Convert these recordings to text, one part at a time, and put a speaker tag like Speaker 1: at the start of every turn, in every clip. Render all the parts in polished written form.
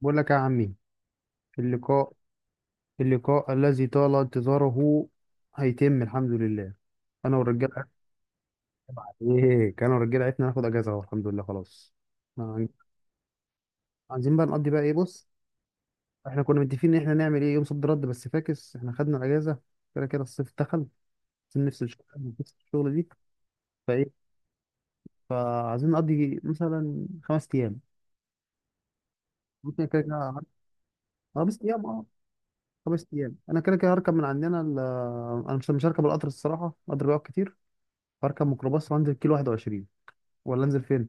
Speaker 1: بقول لك يا عمي، اللقاء اللقاء الذي طال انتظاره هيتم، الحمد لله، انا والرجاله. ايه، انا والرجاله عرفنا ناخد اجازه اهو، الحمد لله، خلاص. عن- عايزين بقى نقضي بقى ايه، بص، احنا كنا متفقين ان احنا نعمل ايه يوم صد رد، بس فاكس احنا خدنا الاجازه كده كده الصيف دخل. عايزين نفصل شويه من قصة الشغل دي. فايه، فعايزين نقضي مثلا خمس ايام. ممكن كده كده خمس ايام، اه، خمس ايام انا كده كده هركب من عندنا انا مش هركب القطر، الصراحه القطر بيقعد كتير. هركب ميكروباص وانزل كيلو 21، ولا انزل فين؟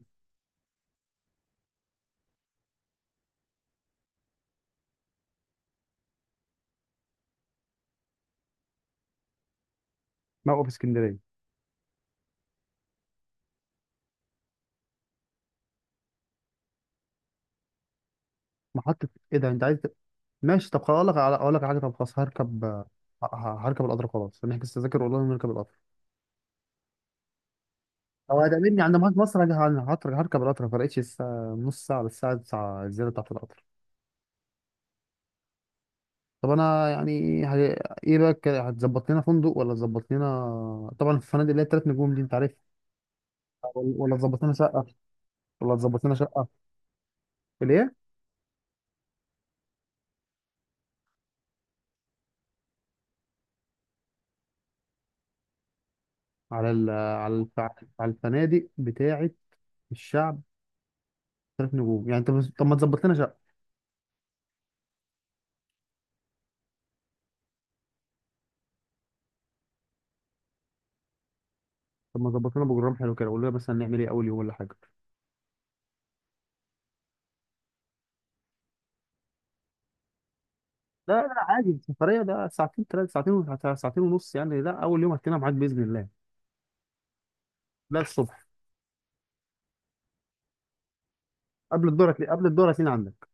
Speaker 1: موقف اسكندريه. محطه ايه ده، انت عايز ماشي. طب خلاص، اقول لك على حاجه. طب خلاص هركب القطر، خلاص نحجز تذاكر اونلاين ونركب القطر. او هتقابلني عند محطه مصر. هركب القطر، ما فرقتش الساعه، نص ساعه للساعه 9 الزياده بتاعت القطر. طب انا يعني ايه بقى، هتظبط لنا فندق ولا تظبط لنا؟ طبعا الفنادق اللي هي الثلاث نجوم دي انت عارف. ولا تظبط لنا شقه؟ ولا تظبط لنا شقه ليه؟ على ال... على الف... على الفنادق بتاعه الشعب، ثلاث نجوم يعني. طب ما تظبط لنا شقه؟ طب ما تظبط لنا بروجرام حلو كده، قول لنا مثلا نعمل ايه اول يوم ولا حاجه. لا لا، عادي، السفريه ده ساعتين، ثلاث ساعتين ساعتين ونص يعني. لا، اول يوم هتلاقينا معاك باذن الله. لا، الصبح. قبل الدورة هتلاقينا عندك.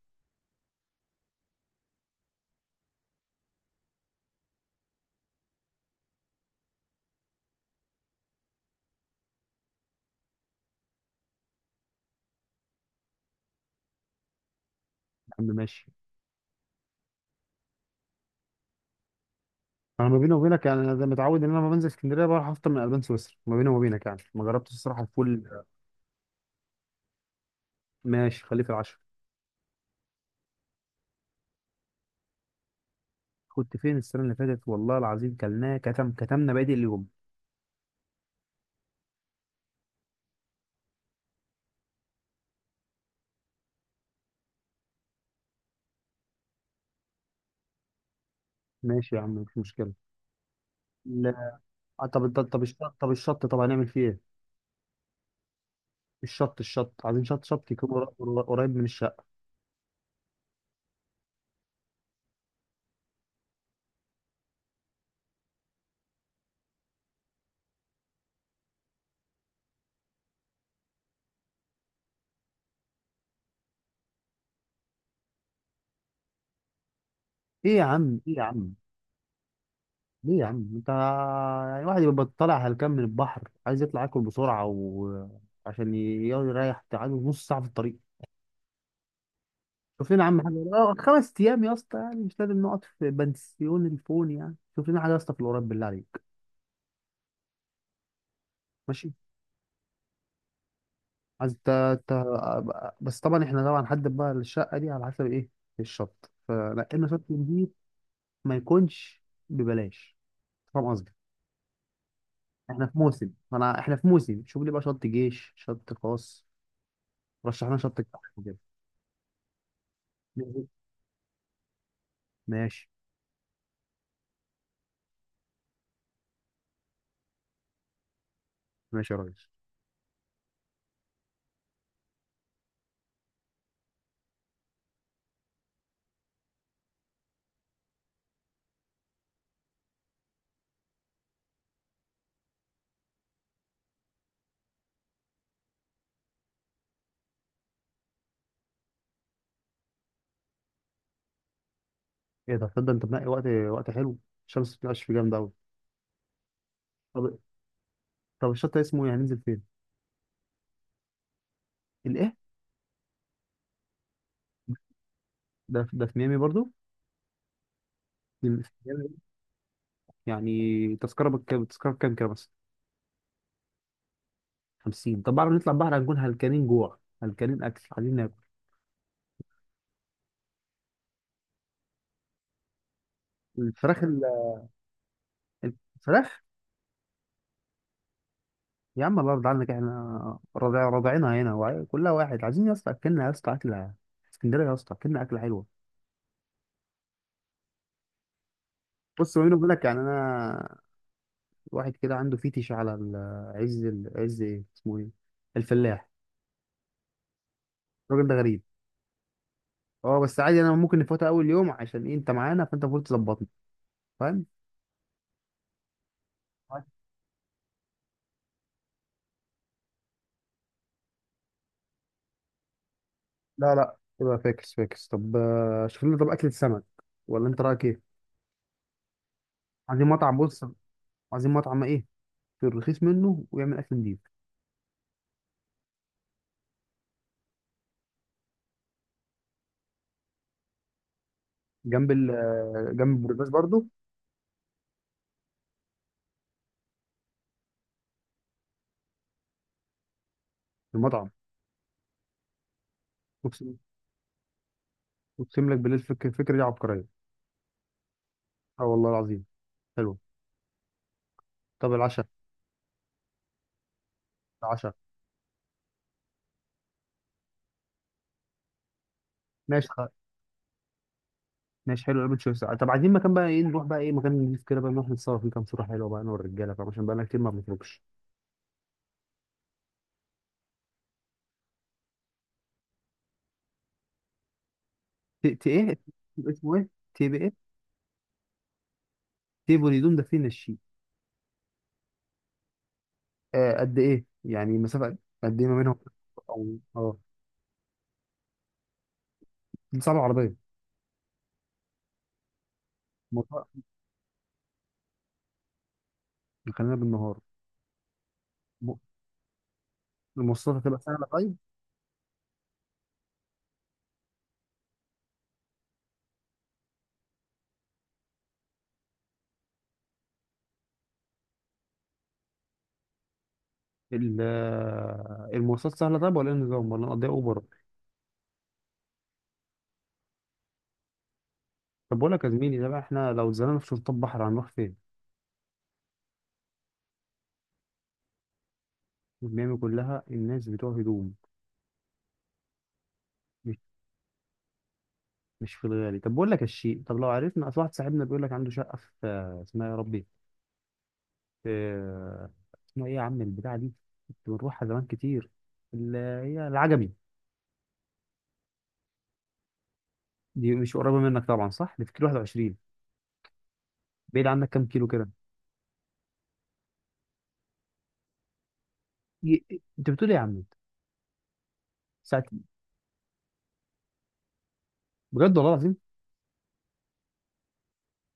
Speaker 1: يا عم ماشي. انا، ما بيني وبينك يعني، انا زي متعود ان انا لما بنزل اسكندريه بروح افطر من البان سويسرا. ما بيني وبينك يعني، ما جربتش الصراحه الفول. ماشي، خليه في العشاء. كنت فين السنه اللي فاتت، والله العظيم كلناه كتمنا بادئ اليوم. ماشي يا عم، مش مشكله. لا. طب طب هنعمل فيه ايه؟ الشط عايزين شط يكون قريب من الشقة. ايه يا عم، ايه يا عم، ليه يا عم انت؟ يعني واحد يبقى طالع هلكان من البحر عايز يطلع ياكل بسرعة، وعشان يريح عايز نص ساعة في الطريق؟ شوف لنا يا عم حاجة، اه، خمس ايام يا اسطى، يعني مش لازم نقعد في بنسيون الفون. يعني شوف لنا حاجة يا اسطى في القريب، بالله عليك. ماشي. عايز ت... بس طبعا احنا طبعا هنحدد بقى الشقة دي على حسب ايه. الشط، فنقلنا شط نضيف، ما يكونش ببلاش، فاهم قصدي؟ احنا في موسم، ما انا احنا في موسم شوف لي بقى شط جيش، شط خاص، رشح لنا شط الجيش. كده ماشي. ماشي يا ريس. ايه ده، تصدق انت منقي وقت، وقت حلو. الشمس بتنقش فيه جامد قوي. طب طب الشط ده اسمه يعني، هننزل فين؟ الايه؟ ده في ميامي برضو؟ في ميامي. يعني تذكره بكام كده بس؟ 50. طب بعد ما نطلع البحر هنكون هلكانين جوع، هلكانين اكل، عايزين ناكل. الفراخ ال- الفراخ. يا عم الأرض عندك، احنا رضع رضعينها هنا، كلها واحد. عايزين يا اسطى أكلنا، يا اسطى أكلة اسكندرية، يا اسطى أكلنا أكلة حلوة. بص، بيني وبينك يعني، أنا واحد كده عنده فيتش على عز، إيه اسمه، إيه، الفلاح. الراجل ده غريب. أه، بس عادي، أنا ممكن نفوتها أول يوم، عشان إيه؟ أنت معانا فأنت المفروض تظبطني، فاهم؟ لا لا، يبقى فاكس فاكس. طب، شوف لنا طب أكلة سمك، ولا أنت رأيك إيه؟ عايزين مطعم، بص، عايزين مطعم إيه؟ في الرخيص منه ويعمل أكل نضيف. جنب ال آه، جنب البرجاز برضو. في المطعم. اقسم اقسم لك بالله، الفكره دي عبقريه. اه، والله العظيم. حلو. طب العشاء. العشاء. ماشي خ... ماشي حلو، قبل شويه ساعه. طب عايزين مكان بقى ايه، نروح بقى ايه، مكان نضيف كده بقى، نروح نتصور فيه كام صوره حلوه بقى انا والرجاله، فاهم، عشان بقى لنا كتير ما بنخرجش. ايه اسمه ايه، تيب ايه، تيب الهدوم ده فين الشيء؟ قد ايه يعني مسافه؟ قد ايه ما بينهم؟ او اه صعب العربيه. الموضوع- خلينا بالنهار. م- المواصلات هتبقى سهله طيب؟ المواصلات سهله طيب ولا إيه النظام، ولا نقضيها اوبر؟ طب بقول لك يا زميلي، ده بقى احنا لو اتزنقنا في شرطات بحر هنروح فين؟ الميامي كلها الناس بتوع هدوم. مش مش في الغالي. طب بقول لك يا الشيء، طب لو عرفنا، اصل واحد صاحبنا بيقول لك عنده شقه في، اسمها يا ربي، في، اسمها ايه يا عم البتاعه دي، كنت بنروحها زمان كتير، اللي هي العجمي. دي مش قريبه منك طبعا، صح؟ اللي في كيلو 21. بعيد عنك كام كيلو كده؟ انت بتقول ايه يا عم؟ ساعتين؟ بجد، والله العظيم.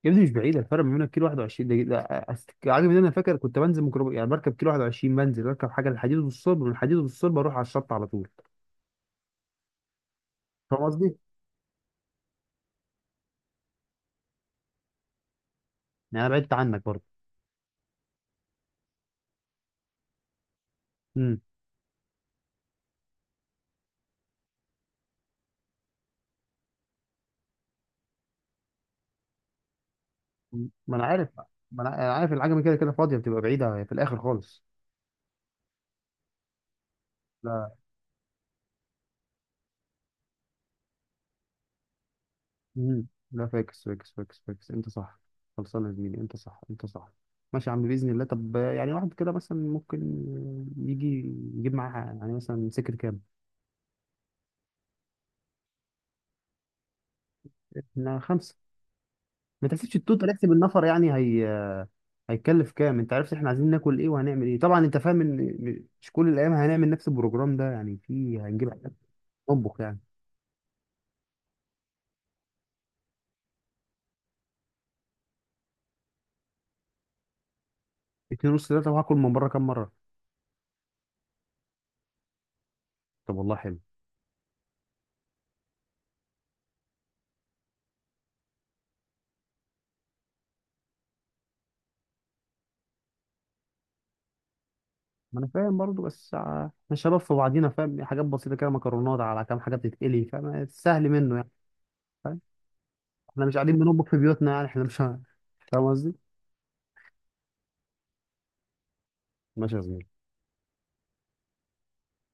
Speaker 1: يا ابني مش بعيد، الفرق ما بينك كيلو 21 ده عاجب ان انا فاكر كنت بنزل ميكروب يعني، بركب كيلو 21 بنزل، بركب حاجه للحديد والصلب، من الحديد والصلب اروح على الشط على طول. فاهم قصدي؟ يعني انا بعدت عنك برضه. امم ما انا عارف، ما انا أنا عارف العجمي كده كده فاضيه، بتبقى بعيده في الاخر خالص. لا. لا، فاكس فاكس فاكس فاكس، انت صح. خلصانه يا زميلي، انت صح، انت صح. ماشي يا عم، باذن الله. طب يعني واحد كده مثلا ممكن يجي يجيب معاه يعني مثلا سكر كام؟ احنا خمسه. ما تحسبش التوتال، احسب النفر يعني. هيتكلف كام، انت عرفت احنا عايزين ناكل ايه وهنعمل ايه. طبعا انت فاهم ان مش كل الايام هنعمل نفس البروجرام ده يعني، في هنجيب حاجات نطبخ يعني. اتنين ونص، تلاته، وهاكل من بره كام مره؟ طب والله حلو. ما انا فاهم برضو، بس احنا شباب في بعضينا، فاهم، حاجات بسيطه كده، مكرونات على كام حاجه بتتقلي، فاهم، سهل منه يعني. فاهم. احنا مش قاعدين بنطبخ في بيوتنا يعني، احنا مش فاهم قصدي. ماشي يا زميلي.